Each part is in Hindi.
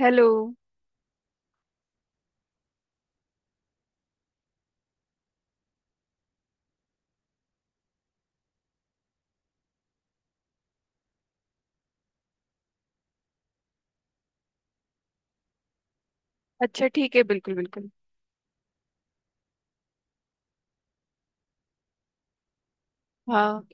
हेलो। अच्छा, ठीक है, बिल्कुल बिल्कुल। हाँ।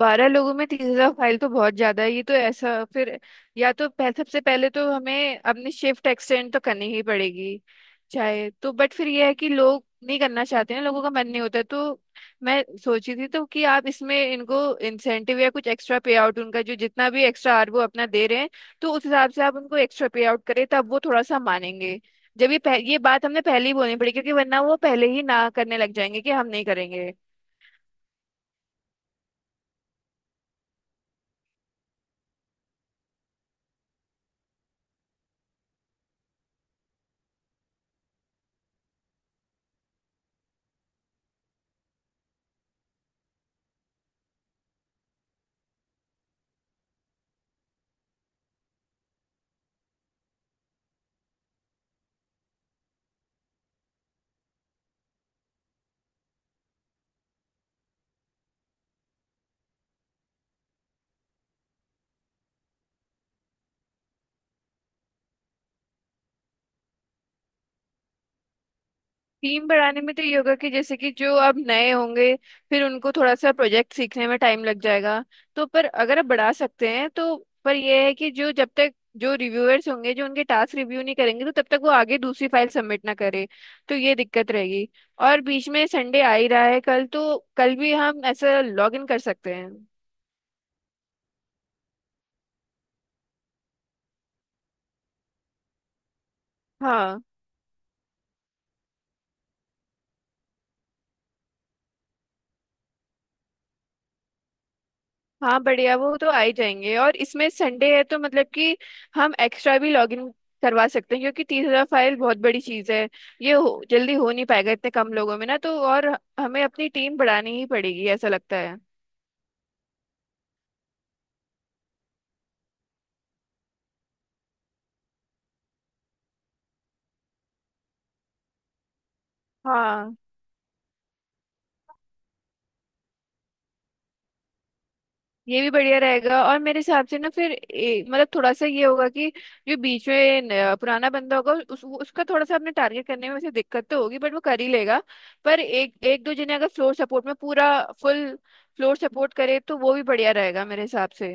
12 लोगों में 30,000 फाइल तो बहुत ज्यादा है, ये तो ऐसा फिर सबसे पहले तो हमें अपनी शिफ्ट एक्सटेंड तो करनी ही पड़ेगी चाहे तो, बट फिर ये है कि लोग नहीं करना चाहते हैं, लोगों का मन नहीं होता है। तो मैं सोची थी तो कि आप इसमें इनको इंसेंटिव या कुछ एक्स्ट्रा पे आउट उनका जो जितना भी एक्स्ट्रा आर वो अपना दे रहे हैं, तो उस हिसाब से आप उनको एक्स्ट्रा पे आउट करें तब वो थोड़ा सा मानेंगे। जब ये ये बात हमने पहले ही बोलनी पड़ेगी क्योंकि वरना वो पहले ही ना करने लग जाएंगे कि हम नहीं करेंगे। टीम बढ़ाने में तो योगा के जैसे कि जो अब नए होंगे, फिर उनको थोड़ा सा प्रोजेक्ट सीखने में टाइम लग जाएगा, तो पर अगर आप बढ़ा सकते हैं तो। पर यह है कि जो जब तक जो रिव्यूअर्स होंगे जो उनके टास्क रिव्यू नहीं करेंगे तो तब तक वो आगे दूसरी फाइल सबमिट ना करे, तो ये दिक्कत रहेगी। और बीच में संडे आ ही रहा है, कल तो कल भी हम ऐसा लॉग इन कर सकते हैं। हाँ। हाँ, बढ़िया, वो तो आ ही जाएंगे और इसमें संडे है तो मतलब कि हम एक्स्ट्रा भी लॉग इन करवा सकते हैं क्योंकि 30,000 फाइल बहुत बड़ी चीज़ है। जल्दी हो नहीं पाएगा इतने कम लोगों में ना, तो और हमें अपनी टीम बढ़ानी ही पड़ेगी ऐसा लगता है। हाँ, ये भी बढ़िया रहेगा और मेरे हिसाब से ना फिर मतलब थोड़ा सा ये होगा कि जो बीच में पुराना बंदा होगा उसका थोड़ा सा अपने टारगेट करने में वैसे दिक्कत तो होगी बट वो कर ही लेगा। पर एक एक दो जने अगर फ्लोर सपोर्ट में पूरा फुल फ्लोर सपोर्ट करे तो वो भी बढ़िया रहेगा मेरे हिसाब से।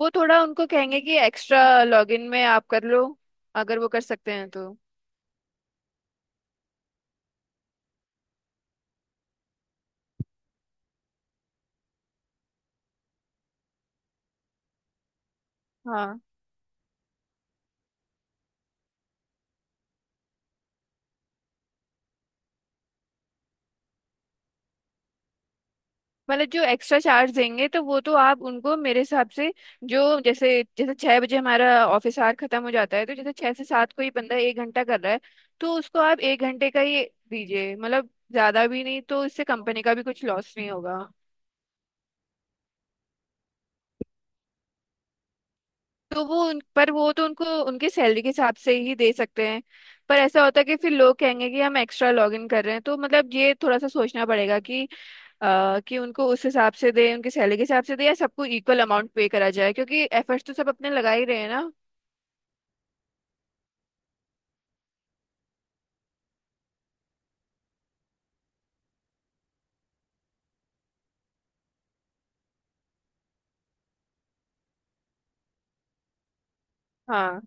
वो थोड़ा उनको कहेंगे कि एक्स्ट्रा लॉगिन में आप कर लो अगर वो कर सकते हैं तो। हाँ। मतलब जो एक्स्ट्रा चार्ज देंगे तो वो तो आप उनको मेरे हिसाब से, जो जैसे जैसे 6 बजे हमारा ऑफिस आवर खत्म हो जाता है तो जैसे 6 से 7 कोई बंदा 1 घंटा कर रहा है तो उसको आप 1 घंटे का ही दीजिए, मतलब ज्यादा भी नहीं, तो इससे कंपनी का भी कुछ लॉस नहीं होगा। तो वो उन पर वो तो उनको उनकी सैलरी के हिसाब से ही दे सकते हैं, पर ऐसा होता है कि फिर लोग कहेंगे कि हम एक्स्ट्रा लॉग इन कर रहे हैं, तो मतलब ये थोड़ा सा सोचना पड़ेगा कि कि उनको उस हिसाब से दे उनकी सैलरी के हिसाब से दे या सबको इक्वल अमाउंट पे करा जाए क्योंकि एफर्ट्स तो सब अपने लगा ही रहे हैं ना। हाँ।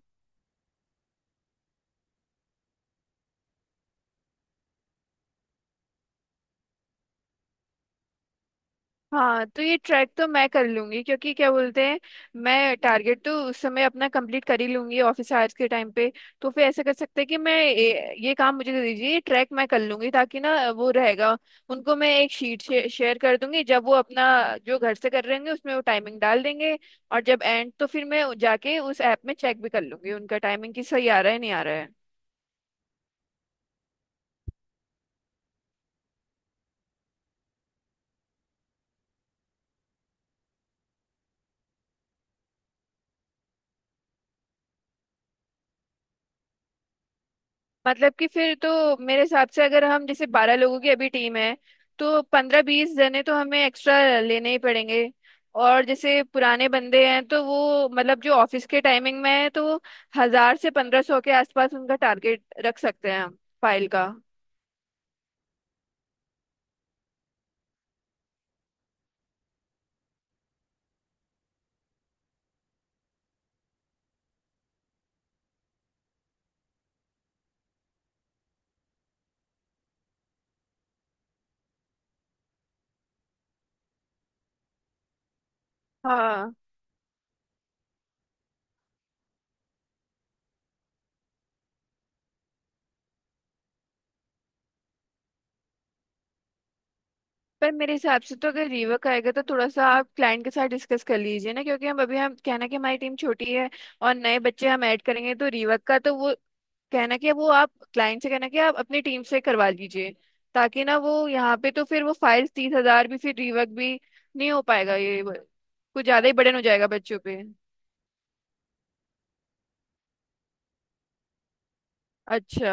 हाँ, तो ये ट्रैक तो मैं कर लूंगी क्योंकि क्या बोलते हैं, मैं टारगेट तो उस समय अपना कंप्लीट कर ही लूंगी ऑफिस आवर्स के टाइम पे, तो फिर ऐसा कर सकते हैं कि मैं ये काम मुझे दे दीजिए, ये ट्रैक मैं कर लूंगी ताकि ना वो रहेगा। उनको मैं एक शीट शेयर कर दूंगी जब वो अपना जो घर से कर रहे होंगे उसमें वो टाइमिंग डाल देंगे और जब एंड तो फिर मैं जाके उस ऐप में चेक भी कर लूंगी उनका टाइमिंग कि सही आ रहा है नहीं आ रहा है। मतलब कि फिर तो मेरे हिसाब से अगर हम जैसे 12 लोगों की अभी टीम है तो 15-20 जने तो हमें एक्स्ट्रा लेने ही पड़ेंगे, और जैसे पुराने बंदे हैं तो वो मतलब जो ऑफिस के टाइमिंग में है तो वो 1,000 से 1,500 के आसपास उनका टारगेट रख सकते हैं हम, फाइल का। हाँ। पर मेरे हिसाब से तो अगर रीवर्क आएगा तो थोड़ा सा आप क्लाइंट के साथ डिस्कस कर लीजिए ना, क्योंकि हम अभी हम कहना कि हमारी टीम छोटी है और नए बच्चे हम ऐड करेंगे तो रीवर्क का तो वो कहना कि वो आप क्लाइंट से कहना कि आप अपनी टीम से करवा लीजिए, ताकि ना वो यहाँ पे तो फिर वो फाइल्स 30,000 भी फिर रिवर्क भी नहीं हो पाएगा कुछ ज्यादा ही बर्डन हो जाएगा बच्चों पे। अच्छा।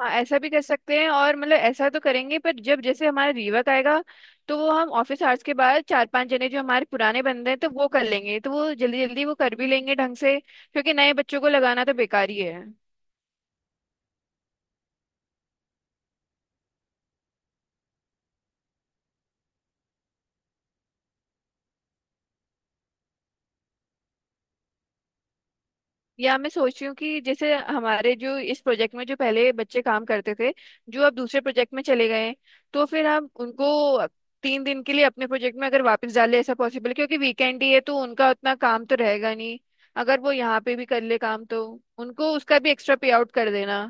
हाँ, ऐसा भी कर सकते हैं और मतलब ऐसा तो करेंगे, पर जब जैसे हमारा रीवर्क आएगा तो वो हम ऑफिस आवर्स के बाद 4-5 जने जो हमारे पुराने बंदे हैं तो वो कर लेंगे, तो वो जल्दी जल्दी वो कर भी लेंगे ढंग से क्योंकि नए बच्चों को लगाना तो बेकार ही है। या मैं सोच रही हूँ कि जैसे हमारे जो इस प्रोजेक्ट में जो पहले बच्चे काम करते थे, जो अब दूसरे प्रोजेक्ट में चले गए हैं, तो फिर हम उनको 3 दिन के लिए अपने प्रोजेक्ट में अगर वापस डाले ऐसा पॉसिबल है क्योंकि वीकेंड ही है तो उनका उतना काम तो रहेगा नहीं, अगर वो यहाँ पे भी कर ले काम तो उनको उसका भी एक्स्ट्रा पे आउट कर देना।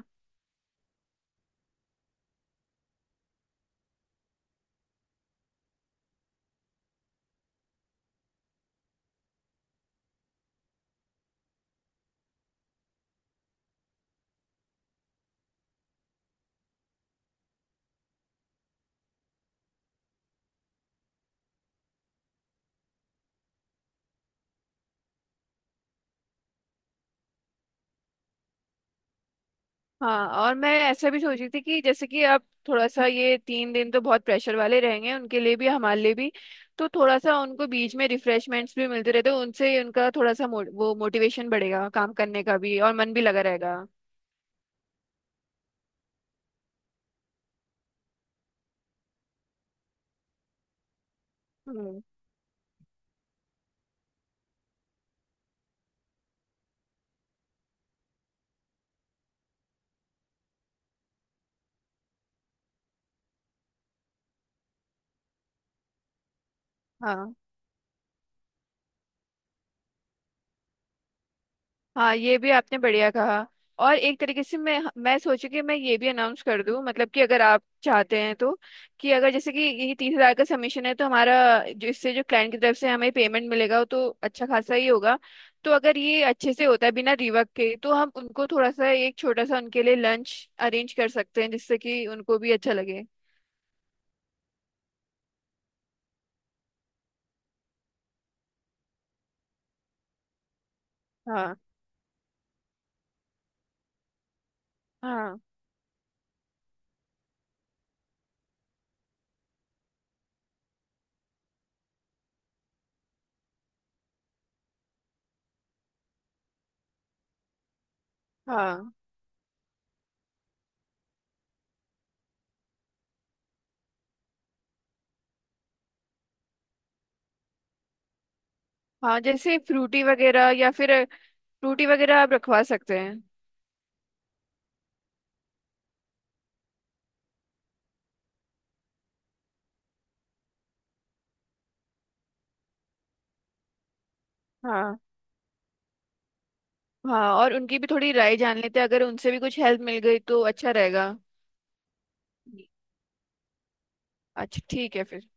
हाँ, और मैं ऐसा भी सोच रही थी कि जैसे कि अब थोड़ा सा ये 3 दिन तो बहुत प्रेशर वाले रहेंगे उनके लिए भी हमारे लिए भी, तो थोड़ा सा उनको बीच में रिफ्रेशमेंट्स भी मिलते रहते हैं उनसे उनका थोड़ा सा वो मोटिवेशन बढ़ेगा काम करने का भी और मन भी लगा रहेगा। हम्म। हाँ। हाँ, ये भी आपने बढ़िया कहा, और एक तरीके से मैं सोची कि मैं ये भी अनाउंस कर दूं मतलब कि अगर आप चाहते हैं तो, कि अगर जैसे कि ये 30,000 का सबमिशन है तो हमारा जो इससे जो क्लाइंट की तरफ से हमें पेमेंट मिलेगा वो तो अच्छा खासा ही होगा, तो अगर ये अच्छे से होता है बिना रिवर्क के तो हम उनको थोड़ा सा एक छोटा सा उनके लिए लंच अरेंज कर सकते हैं जिससे कि उनको भी अच्छा लगे। हाँ हाँ। हाँ हाँ, जैसे फ्रूटी वगैरह या फिर फ्रूटी वगैरह आप रखवा सकते हैं। हाँ, हाँ और उनकी भी थोड़ी राय जान लेते हैं अगर उनसे भी कुछ हेल्प मिल गई तो अच्छा रहेगा। जी। अच्छा, ठीक है फिर।